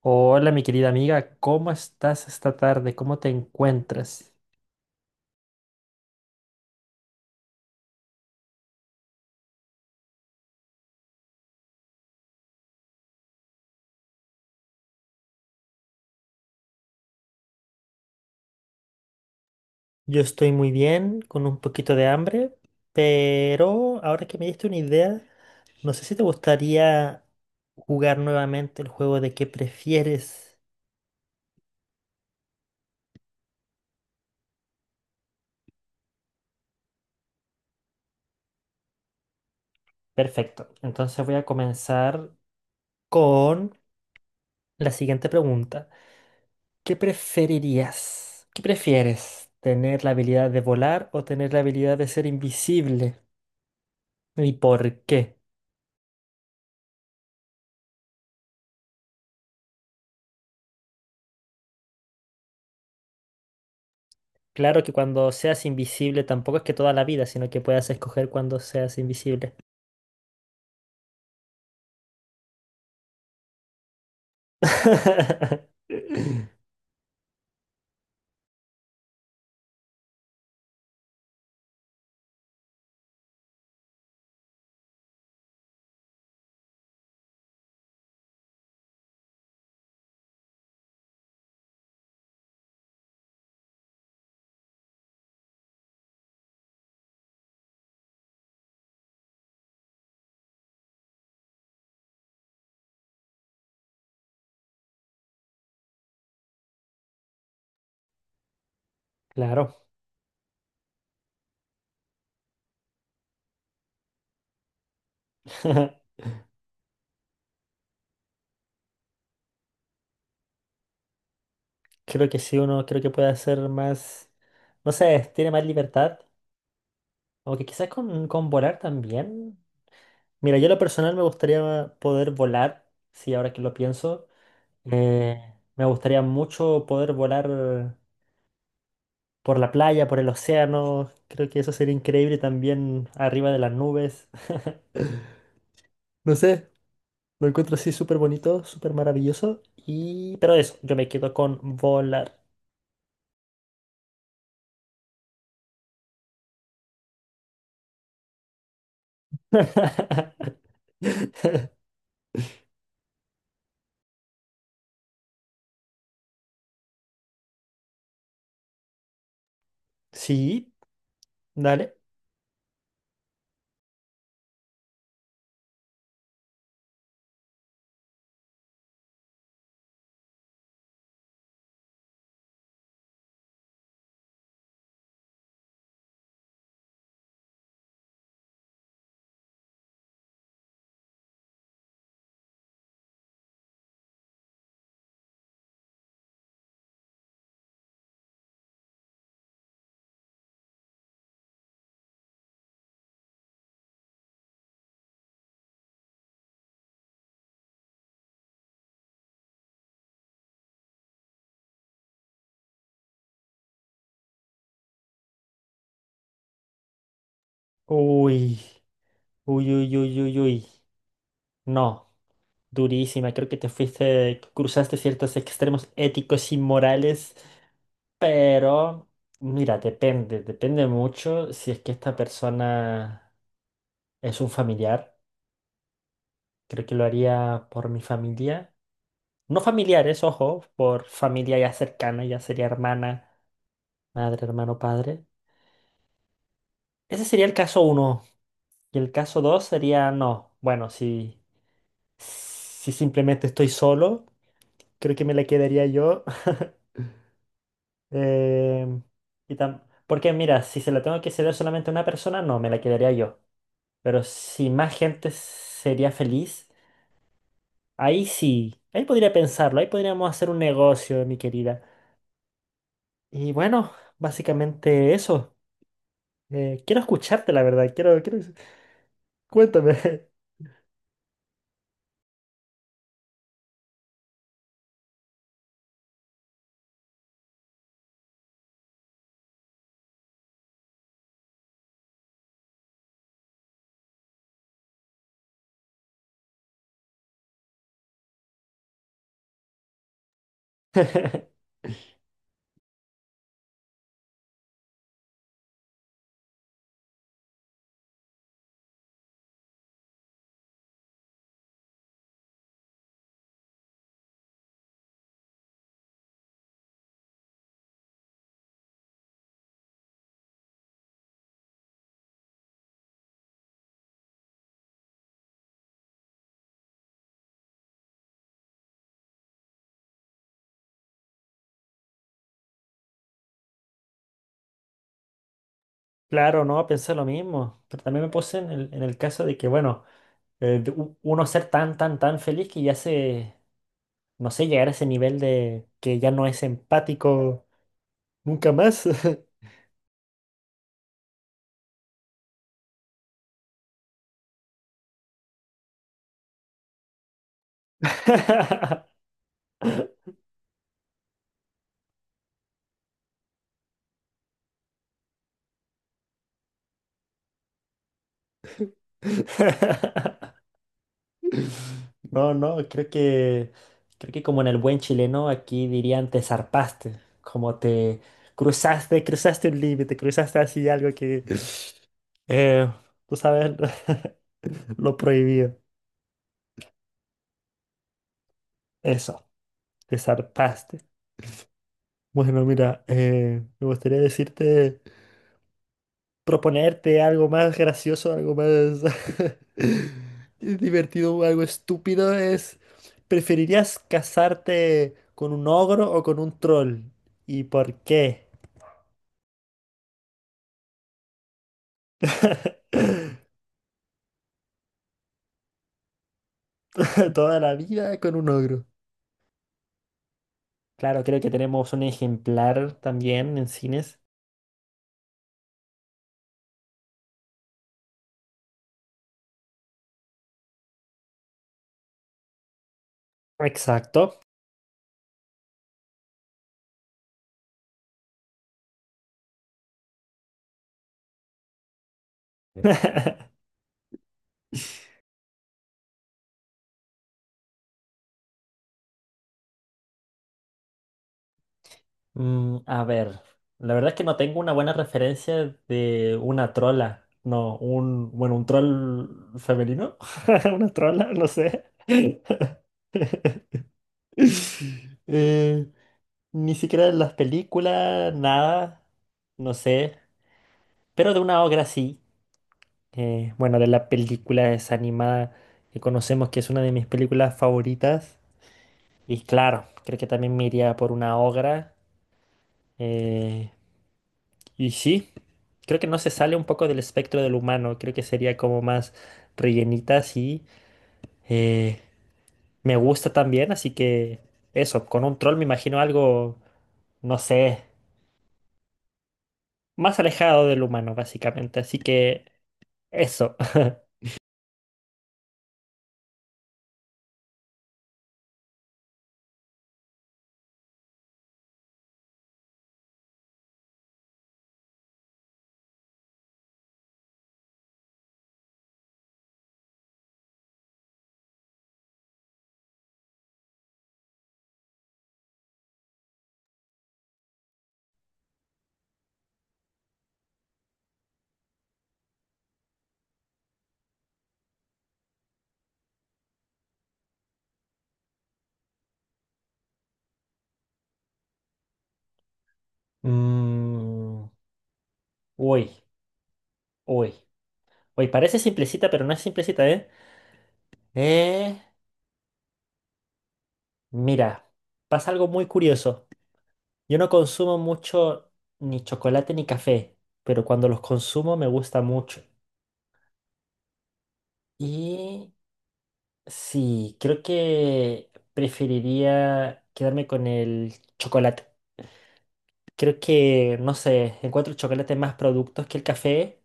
Hola, mi querida amiga, ¿cómo estás esta tarde? ¿Cómo te encuentras? Yo estoy muy bien, con un poquito de hambre, pero ahora que me diste una idea, no sé si te gustaría jugar nuevamente el juego de qué prefieres. Perfecto, entonces voy a comenzar con la siguiente pregunta. ¿Qué preferirías? ¿Qué prefieres? ¿Tener la habilidad de volar o tener la habilidad de ser invisible? ¿Y por qué? Claro que cuando seas invisible tampoco es que toda la vida, sino que puedas escoger cuando seas invisible. Claro. Creo que sí, uno creo que puede hacer más, no sé, tiene más libertad. Aunque quizás con volar también. Mira, yo en lo personal me gustaría poder volar, sí, ahora que lo pienso. Eh, Me gustaría mucho poder volar por la playa, por el océano. Creo que eso sería increíble también arriba de las nubes. No sé. Lo encuentro así súper bonito, súper maravilloso. Y... Pero eso, yo me quedo con volar. Sí, dale. Uy, uy, uy, uy, uy, uy. No, durísima. Creo que te fuiste, cruzaste ciertos extremos éticos y morales. Pero, mira, depende, depende mucho si es que esta persona es un familiar. Creo que lo haría por mi familia. No familiares, ojo, por familia ya cercana, ya sería hermana, madre, hermano, padre. Ese sería el caso uno. Y el caso dos sería, no, bueno, si simplemente estoy solo, creo que me la quedaría yo. Em, porque mira, si se la tengo que ceder solamente a una persona, no, me la quedaría yo. Pero si más gente sería feliz, ahí sí, ahí podría pensarlo, ahí podríamos hacer un negocio, mi querida. Y bueno, básicamente eso. Quiero escucharte, la verdad. Quiero... Cuéntame. Claro, no, pensé lo mismo, pero también me puse en el caso de que, bueno, uno ser tan, tan, tan feliz que ya se, no sé, llegar a ese nivel de que ya no es empático nunca más. No, no, creo que como en el buen chileno aquí dirían te zarpaste, como te cruzaste, cruzaste un límite, cruzaste así algo que. Eh, Tú sabes lo prohibido. Eso, te zarpaste. Bueno, mira, me gustaría decirte, proponerte algo más gracioso, algo más divertido, algo estúpido es, ¿preferirías casarte con un ogro o con un troll? ¿Y por qué? Toda la vida con un ogro. Claro, creo que tenemos un ejemplar también en cines. Exacto. Mm, a ver, la verdad es que no tengo una buena referencia de una trola. No, un, bueno, un troll femenino. Una trola, no sé. Eh, Ni siquiera en las películas, nada, no sé. Pero de una obra sí. Bueno, de la película esa animada que conocemos que es una de mis películas favoritas. Y claro, creo que también me iría por una obra. eh, sí, creo que no se sale un poco del espectro del humano, creo que sería como más rellenita, sí. Eh, Me gusta también, así que eso, con un troll me imagino algo, no sé, más alejado del humano, básicamente. Así que eso. Mm, uy, uy, uy, parece simplecita, pero no es simplecita, ¿eh? Eh, Mira, pasa algo muy curioso. Yo no consumo mucho ni chocolate ni café, pero cuando los consumo me gusta mucho. Y sí, creo que preferiría quedarme con el chocolate. Creo que, no sé, encuentro el chocolate más productos que el café.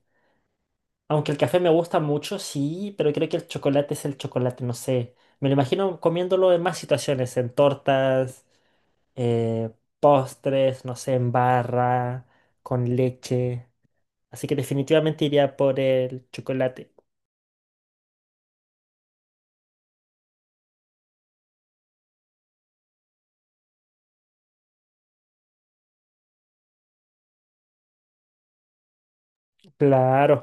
Aunque el café me gusta mucho, sí, pero creo que el chocolate es el chocolate, no sé. Me lo imagino comiéndolo en más situaciones, en tortas, eh, postres, no sé, en barra, con leche. Así que definitivamente iría por el chocolate. Claro,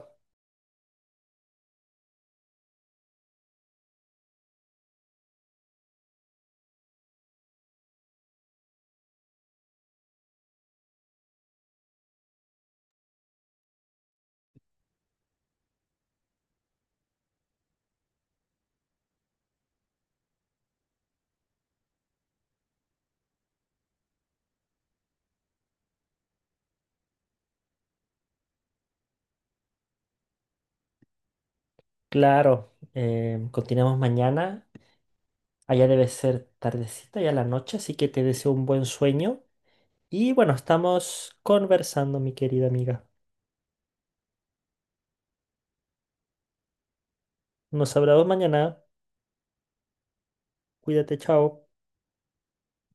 claro. Em, continuamos mañana. Allá debe ser tardecita ya la noche, así que te deseo un buen sueño. Y bueno, estamos conversando, mi querida amiga. Nos hablamos mañana. Cuídate, chao.